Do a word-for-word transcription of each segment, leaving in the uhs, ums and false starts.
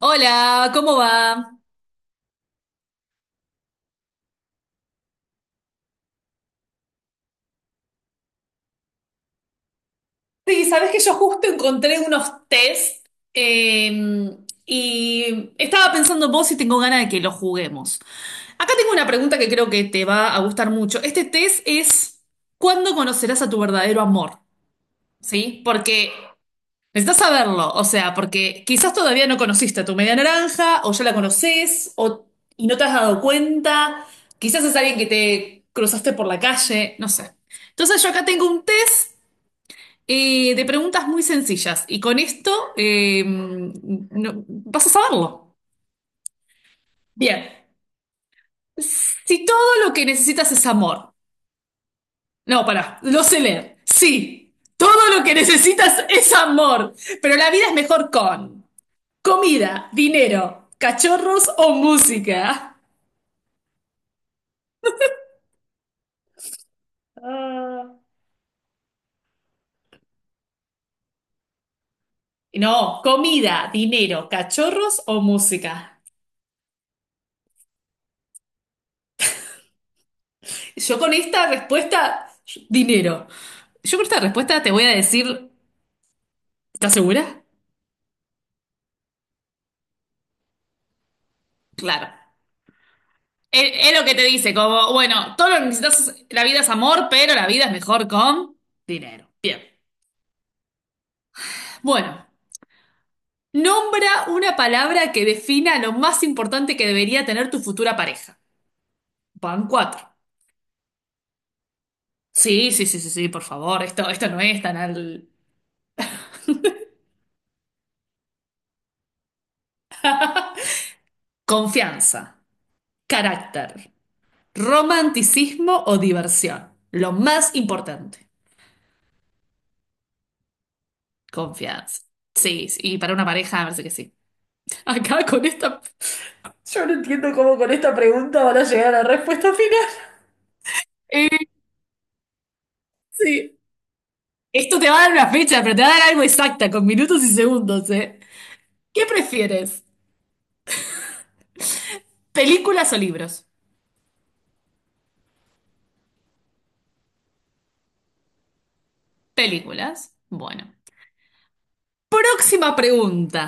Hola, ¿cómo va? Sí, sabes que yo justo encontré unos test eh, y estaba pensando en vos y tengo ganas de que los juguemos. Acá tengo una pregunta que creo que te va a gustar mucho. Este test es ¿cuándo conocerás a tu verdadero amor? ¿Sí? Porque necesitas saberlo, o sea, porque quizás todavía no conociste a tu media naranja o ya la conoces o, y no te has dado cuenta. Quizás es alguien que te cruzaste por la calle, no sé. Entonces yo acá tengo un test. Eh, de preguntas muy sencillas. Y con esto eh, no- vas a saberlo. Bien. Si todo lo que necesitas es amor. No, pará, lo sé leer. Sí, todo lo que necesitas es amor. Pero la vida es mejor con comida, dinero, cachorros o música. Ah, no, comida, dinero, cachorros o música. Yo con esta respuesta, dinero. Yo con esta respuesta te voy a decir, ¿estás segura? Claro. Es, es lo que te dice, como, bueno, todo lo que necesitas, es- la vida es amor, pero la vida es mejor con dinero. Bien. Bueno, nombra una palabra que defina lo más importante que debería tener tu futura pareja. Van cuatro. Sí, sí, sí, sí, sí, por favor, esto, esto no es tan al... Confianza, carácter, romanticismo o diversión. Lo más importante, confianza. Sí, sí, y para una pareja, me parece que sí. Acá con esta... Yo no entiendo cómo con esta pregunta van a llegar a la respuesta final. Eh, sí. Esto te va a dar una fecha, pero te va a dar algo exacta, con minutos y segundos, ¿eh? ¿Qué prefieres? ¿Películas o libros? Películas. Bueno. Próxima pregunta.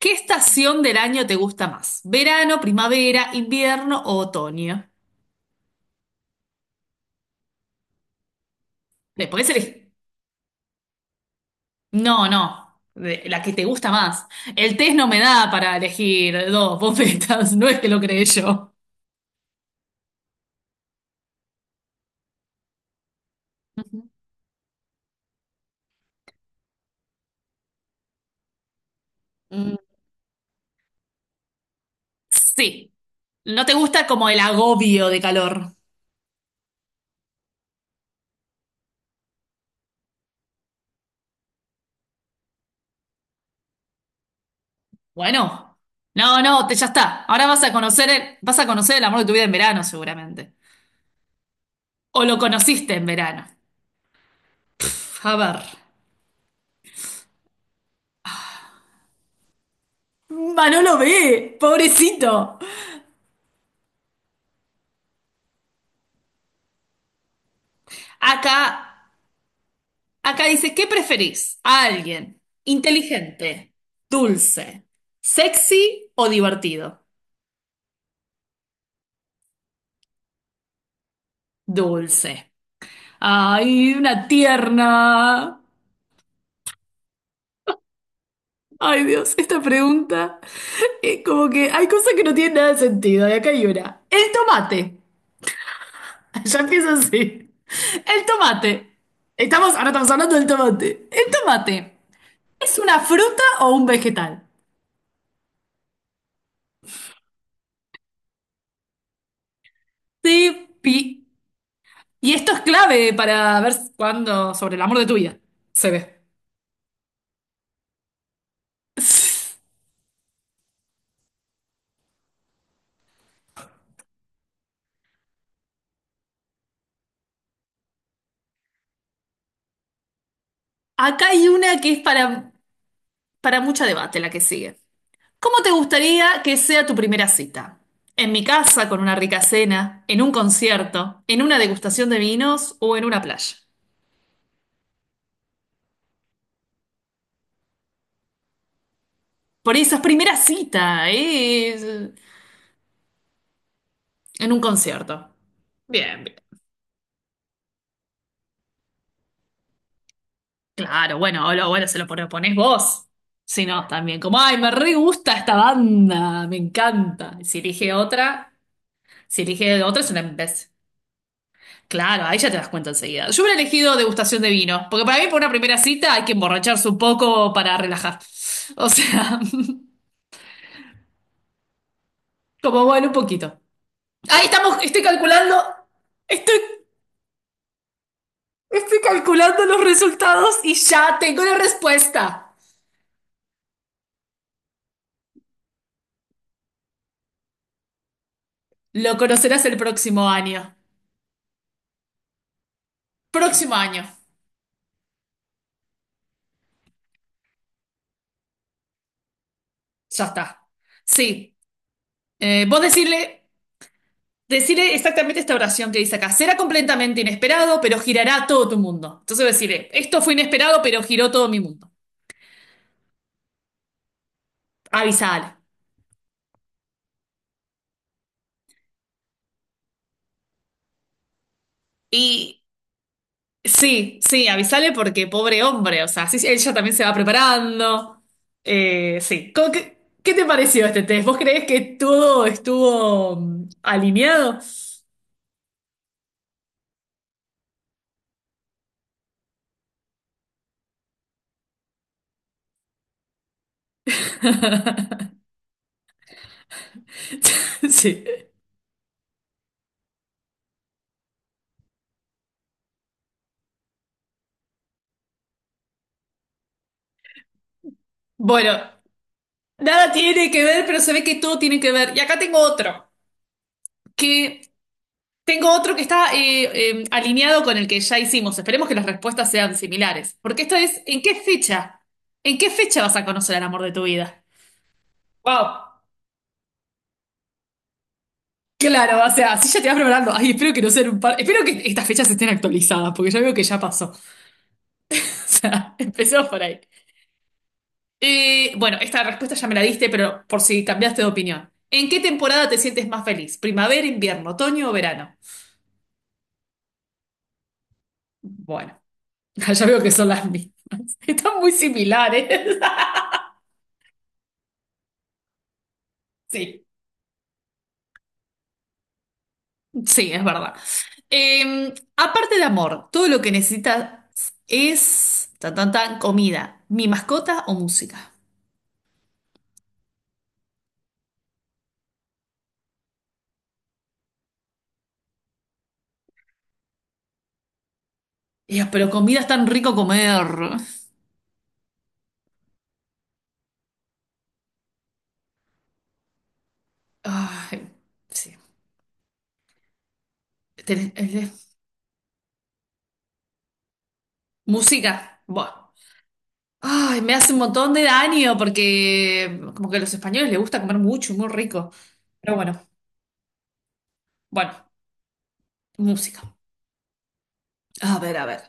¿Qué estación del año te gusta más? ¿Verano, primavera, invierno o otoño? Le podés elegir. No, no. De- la que te gusta más. El test no me da para elegir dos bofetas, no es que lo creé yo. Ujú. Sí. ¿No te gusta como el agobio de calor? Bueno, no, no, te- ya está. Ahora vas a conocer el, vas a conocer el amor de tu vida en verano, seguramente. O lo conociste en verano. A ver. Manolo ve, pobrecito. Acá, acá dice, ¿qué preferís? ¿A alguien inteligente, dulce, sexy o divertido? Dulce. Ay, una tierna. Ay, Dios, esta pregunta es como que hay cosas que no tienen nada de sentido, y acá hay una. El tomate. Ya empieza así. El tomate. Estamos, ahora estamos hablando del tomate. El tomate, ¿es una fruta o un vegetal? Sí, pi. Y esto es clave para ver cuándo, sobre el amor de tu vida, se ve. Acá hay una que es para, para mucho debate, la que sigue. ¿Cómo te gustaría que sea tu primera cita? ¿En mi casa con una rica cena, en un concierto, en una degustación de vinos o en una playa? Por esas primeras citas, en un concierto. Bien, bien. Claro, bueno, o lo- bueno, se lo propones vos. Si no, también como, ay, me re gusta esta banda, me encanta. Si elige otra, si elige otra es una imbécil. Claro, ahí ya te das cuenta enseguida. Yo hubiera elegido degustación de vino, porque para mí, por una primera cita, hay que emborracharse un poco para relajar. O sea, como bueno, un poquito. Ahí estamos, estoy calculando, estoy, estoy calculando los resultados y ya tengo la respuesta. Lo conocerás el próximo año. Próximo año. Ya está. Sí. Eh, vos decirle, decirle exactamente esta oración que dice acá. Será completamente inesperado, pero girará todo tu mundo. Entonces decirle, esto fue inesperado, pero giró todo mi mundo. Avisale. Y sí, sí, avisale porque pobre hombre, o sea, sí, sí, ella también se va preparando. Eh, sí. ¿Cómo que- qué, te pareció este test? ¿Vos creés que todo estuvo mm, alineado? Sí. Bueno, nada tiene que ver, pero se ve que todo tiene que ver. Y acá tengo otro, que tengo otro que está eh, eh, alineado con el que ya hicimos. Esperemos que las respuestas sean similares. Porque esto es, ¿en qué fecha? ¿En qué fecha vas a conocer al amor de tu vida? Wow, claro, o sea, así ya te vas preparando. Ay, espero que no sean un par. Espero que estas fechas estén actualizadas, porque ya veo que ya pasó. O sea, empezó por ahí. Eh, bueno, esta respuesta ya me la diste, pero por si cambiaste de opinión. ¿En qué temporada te sientes más feliz? ¿Primavera, invierno, otoño o verano? Bueno, ya veo que son las mismas. Están muy similares. Sí, sí, es verdad. Eh, aparte de amor, todo lo que necesitas es tan, tan, tan, comida, mi mascota o música. Ya, pero comida es tan rico comer. Ay, sí. Tenés- eh, música. Bueno. Ay, me hace un montón de daño porque como que a los españoles les gusta comer mucho, muy rico. Pero bueno, bueno, música. A ver, a ver.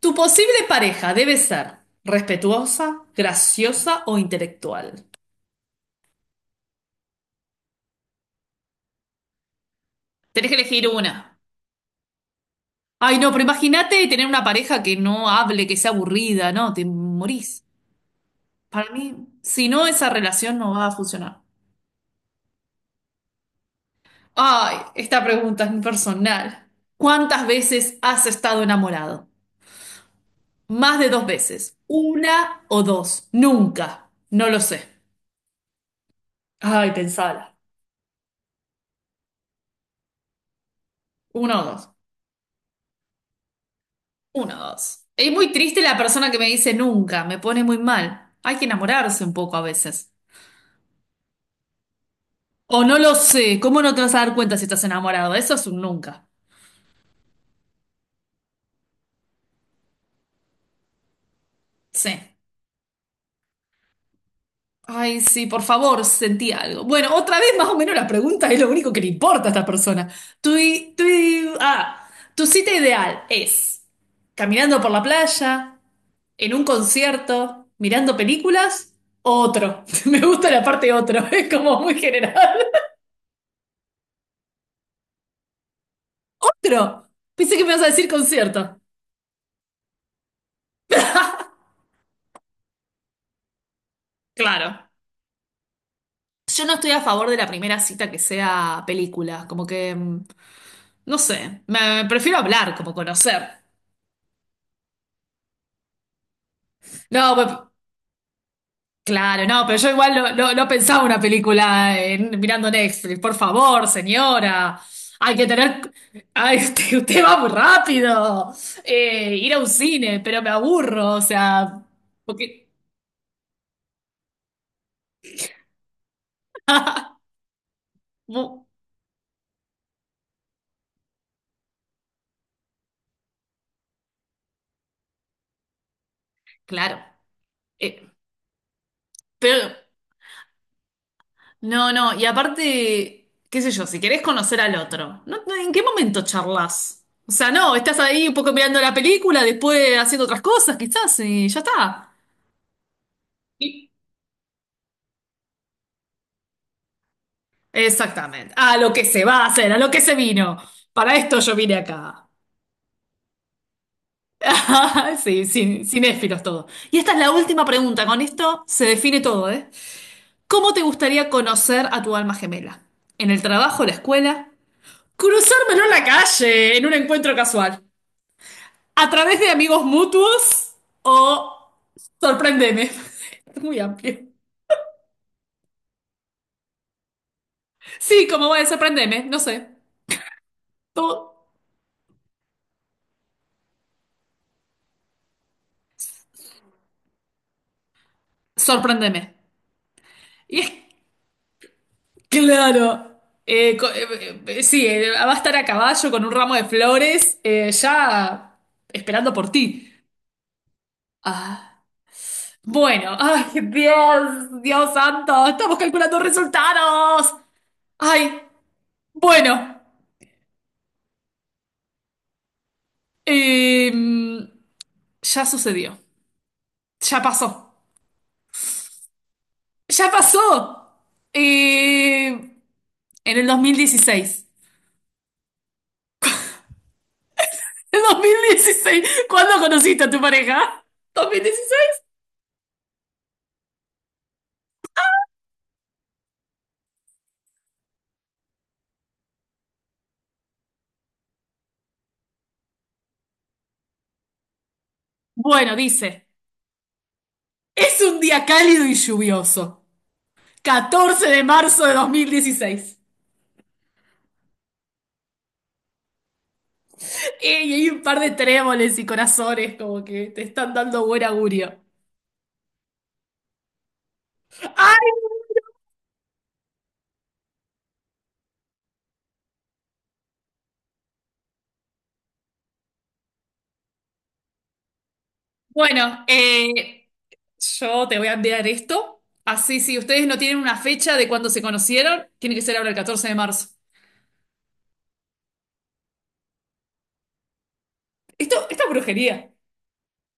Tu posible pareja debe ser respetuosa, graciosa o intelectual. Tenés que elegir una. Ay, no, pero imagínate tener una pareja que no hable, que sea aburrida, ¿no? Te morís. Para mí, si no, esa relación no va a funcionar. Ay, esta pregunta es muy personal. ¿Cuántas veces has estado enamorado? Más de dos veces. ¿Una o dos? Nunca. No lo sé. Ay, pensala. Una o dos. Una o dos. Es muy triste la persona que me dice nunca. Me pone muy mal. Hay que enamorarse un poco a veces. O no lo sé. ¿Cómo no te vas a dar cuenta si estás enamorado? Eso es un nunca. Sí. Ay, sí, por favor, sentí algo. Bueno, otra vez más o menos la pregunta es lo único que le importa a esta persona. Tu, i- tu, i- ah, Tu cita ideal es caminando por la playa, en un concierto, mirando películas, otro. Me gusta la parte otro, es como muy general. Otro. Pensé que me ibas a decir concierto. Claro. Yo no estoy a favor de la primera cita que sea película, como que... mm, no sé, me, me prefiero hablar, como conocer. No, claro, no, pero yo igual no, no- no pensaba una película en- mirando Netflix. Por favor, señora. Hay que tener. Ay, usted, usted va muy rápido. Eh, ir a un cine, pero me aburro. O sea, porque. Bu- Claro. Eh, pero, no, no, y aparte, qué sé yo, si querés conocer al otro, ¿no? No, ¿en qué momento charlas? O sea, no, estás ahí un poco mirando la película, después haciendo otras cosas, quizás, y ya está. Exactamente. A lo que se va a hacer, a lo que se vino. Para esto yo vine acá. Sí, sin, cinéfilos todo. Y esta es la última pregunta. Con esto se define todo, ¿eh? ¿Cómo te gustaría conocer a tu alma gemela? ¿En el trabajo, la escuela? ¿Cruzármelo en la calle, en un encuentro casual? ¿A través de amigos mutuos? ¿O sorprendeme? Es muy amplio. Sí, como voy a sorprendeme, no sé. Todo sorprendeme. Y es claro. Eh, co- eh, eh, sí, eh, va a estar a caballo con un ramo de flores, eh, ya esperando por ti. Ah, bueno, ay, Dios, Dios santo, estamos calculando resultados. Ay, bueno, em, ya sucedió, ya pasó, ya pasó. Eh, en el dos mil dieciséis. ¿En dos mil dieciséis? ¿Cuándo conociste a tu pareja? ¿dos mil dieciséis? Bueno, dice. Es un día cálido y lluvioso. Catorce de marzo de 2016. Eh, Y hay un par de tréboles y corazones como que te están dando buen augurio. ¡Ay, no! Bueno, eh, yo te voy a enviar esto. Así, si ustedes no tienen una fecha de cuándo se conocieron, tiene que ser ahora el catorce de marzo. Esto, esta es brujería.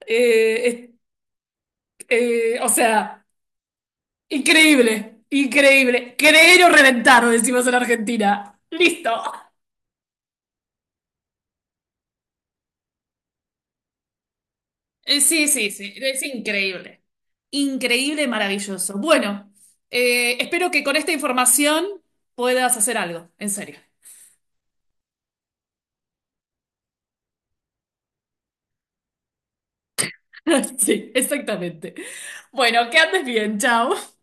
Eh, es- eh, o sea, increíble, increíble. Creer o reventar, decimos en Argentina. Listo. Eh, Sí, sí, sí, es increíble. Increíble, maravilloso. Bueno, eh, espero que con esta información puedas hacer algo, en serio. Sí, exactamente. Bueno, que andes bien, chao.